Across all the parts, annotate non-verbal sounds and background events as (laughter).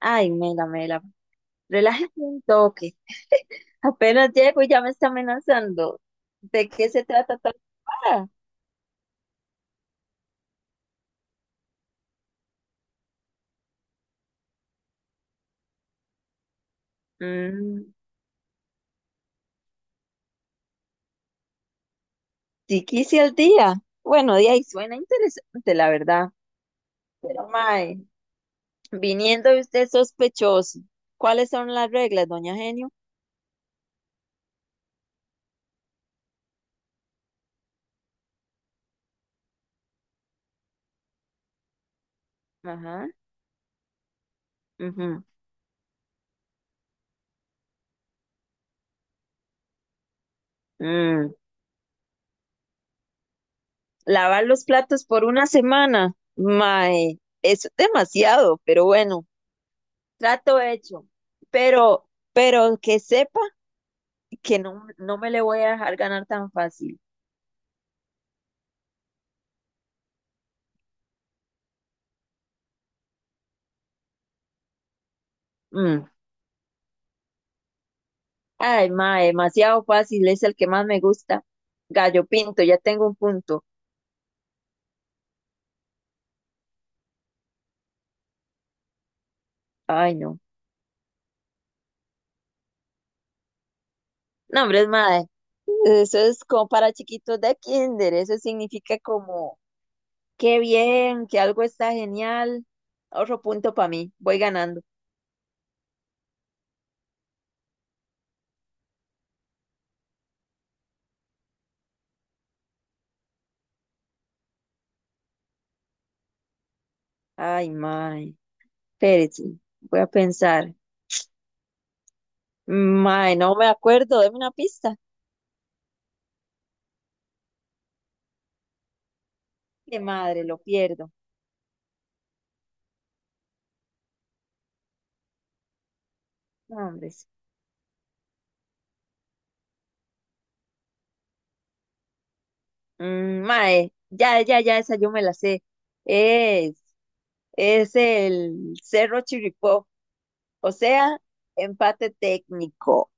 Ay, Mela, Mela, relájese un toque. (laughs) Apenas llego y ya me está amenazando. ¿De qué se trata tal para? Mm, sí quise al día. Bueno, de ahí suena interesante, la verdad. Pero, mae, viniendo de usted sospechoso, ¿cuáles son las reglas, doña Genio? Ajá. Ujú. Mm, lavar los platos por una semana. Mae, eso es demasiado, pero bueno, trato hecho. Pero que sepa. Que no me le voy a dejar ganar tan fácil. Mm. Ay, ma, demasiado fácil, es el que más me gusta. Gallo Pinto, ya tengo un punto. Ay, no. No, hombre, es madre. Eso es como para chiquitos de kinder. Eso significa como, qué bien, que algo está genial. Otro punto para mí. Voy ganando. Ay, mae. Espérate. Voy a pensar. Mae, no me acuerdo. Deme una pista. Qué madre, lo pierdo. No, hombre. Mm, mae, ya, ya, ya, esa yo me la sé. Es, es el Cerro Chirripó, o sea, empate técnico.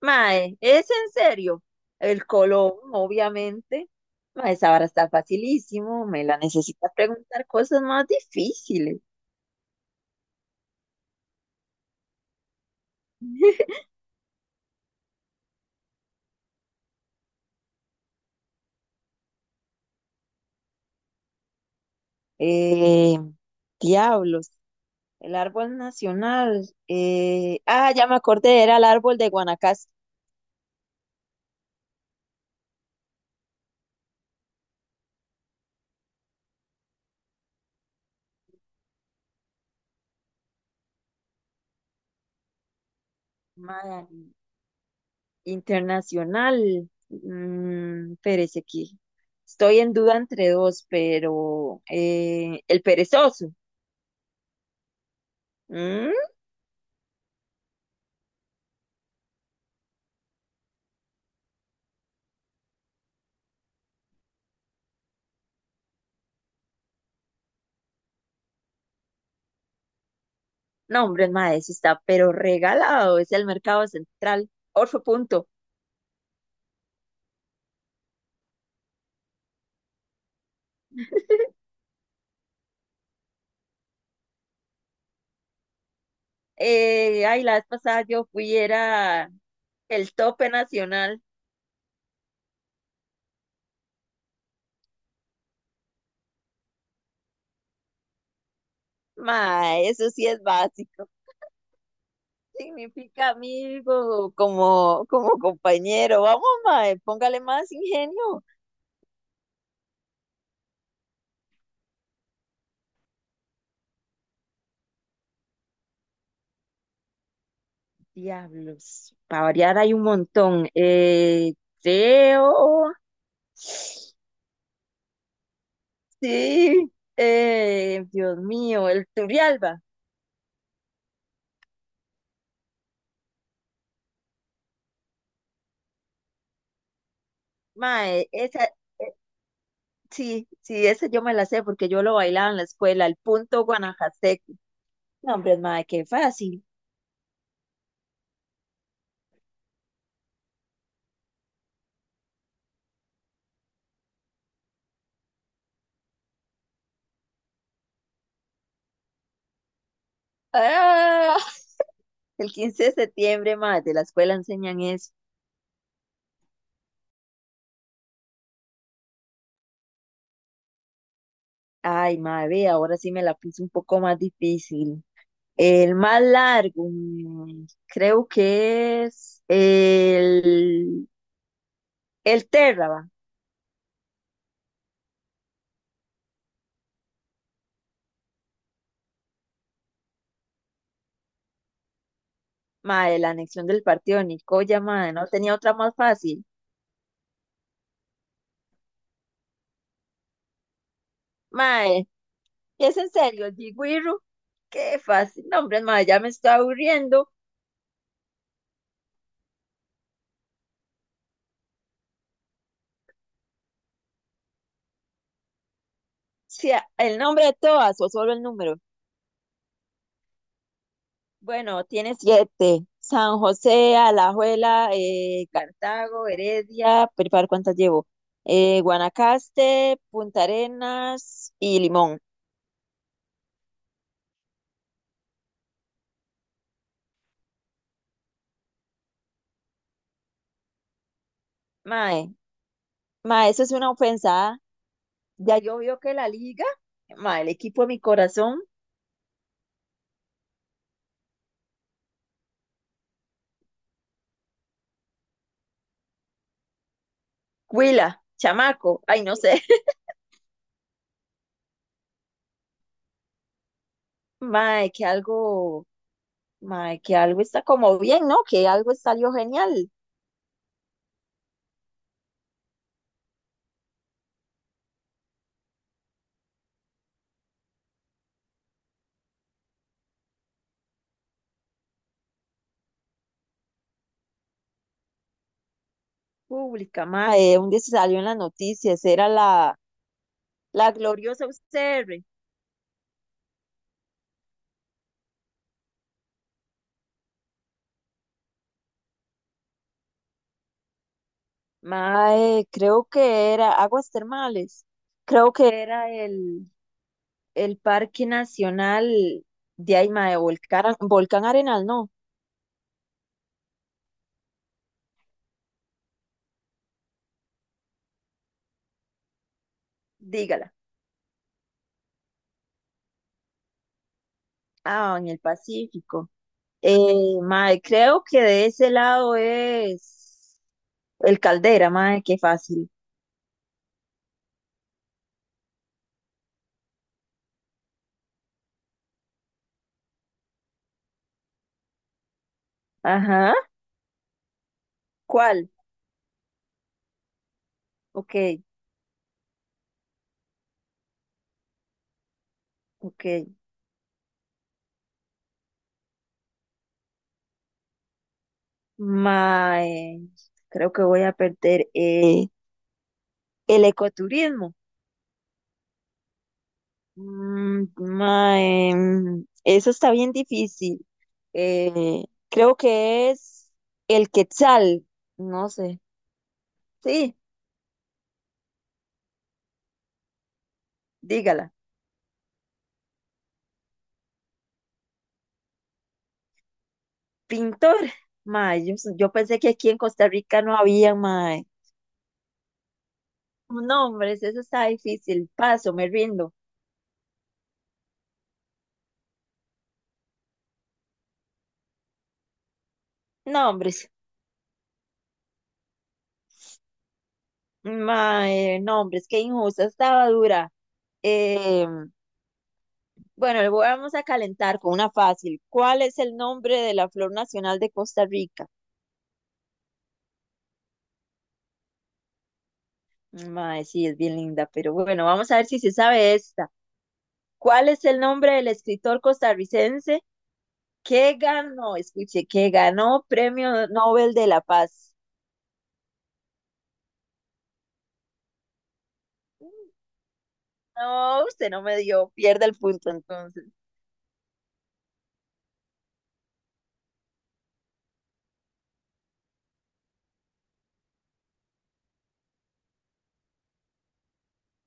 Mae, ¿es en serio? El Colón, obviamente. Mae, esa vara está facilísimo, me la necesita preguntar cosas más difíciles. Eh, Diablos, el árbol nacional. Ya me acordé, era el árbol de Guanacaste. Mae, Internacional. Mm, Pérez aquí. Estoy en duda entre dos, pero el perezoso. Mm. No, hombre, mae, eso está, pero regalado. Es el mercado central. Otro punto. Ay, la vez pasada yo fui, era el tope nacional. Mae, eso sí es básico. Significa amigo, como compañero. Vamos, mae, póngale más ingenio. Diablos, para variar hay un montón. Creo, sí, Dios mío, el Turrialba. Mae, esa, eh, sí, esa yo me la sé porque yo lo bailaba en la escuela, el punto Guanajaseco. No, hombre, mae, qué fácil. Ah, el quince de septiembre, mae, de la escuela enseñan eso. Ay, mae, ve, ahora sí me la puse un poco más difícil. El más largo, mm, creo que es el Terraba, mae, la anexión del partido de Nicoya, mae, no tenía otra más fácil. Mae, es en serio, el Jiguiru, qué fácil. Nombre, mae, ya me está aburriendo. Si a- ¿El nombre de todas o solo el número? Bueno, tiene siete. San José, Alajuela, Cartago, Heredia, pero ¿para ¿cuántas llevo? Guanacaste, Punta Arenas y Limón. Mae, Mae, eso es una ofensa. ¿Ah? Ya yo veo que la liga, mae, el equipo de mi corazón. Huila, chamaco, ay, no sé. (laughs) Mae, mae, que algo está como bien, ¿no? Que algo salió genial. Pública, mae, un día se salió en las noticias, era la gloriosa UCR. Mae, creo que era Aguas Termales, creo que era el Parque Nacional de ahí, mae, Volcán Arenal, no, dígala. Ah, en el Pacífico. Eh, Mae, creo que de ese lado es el Caldera, mae, qué fácil. Ajá. ¿Cuál? Ok, ok. Mae, creo que voy a perder el ecoturismo. Mm, mae, mm, eso está bien difícil. Eh, Creo que es el Quetzal, no sé. Sí, dígala. Pintor, mae, yo pensé que aquí en Costa Rica no había, mae. Nombres. Eso está difícil. Paso, me rindo. Nombres, hombres, mae, no, qué injusta, estaba dura. Eh, bueno, vamos a calentar con una fácil. ¿Cuál es el nombre de la flor nacional de Costa Rica? Mae, sí, es bien linda, pero bueno, vamos a ver si se sabe esta. ¿Cuál es el nombre del escritor costarricense que ganó, escuche, que ganó Premio Nobel de la Paz? No, usted no me dio, pierde el punto entonces.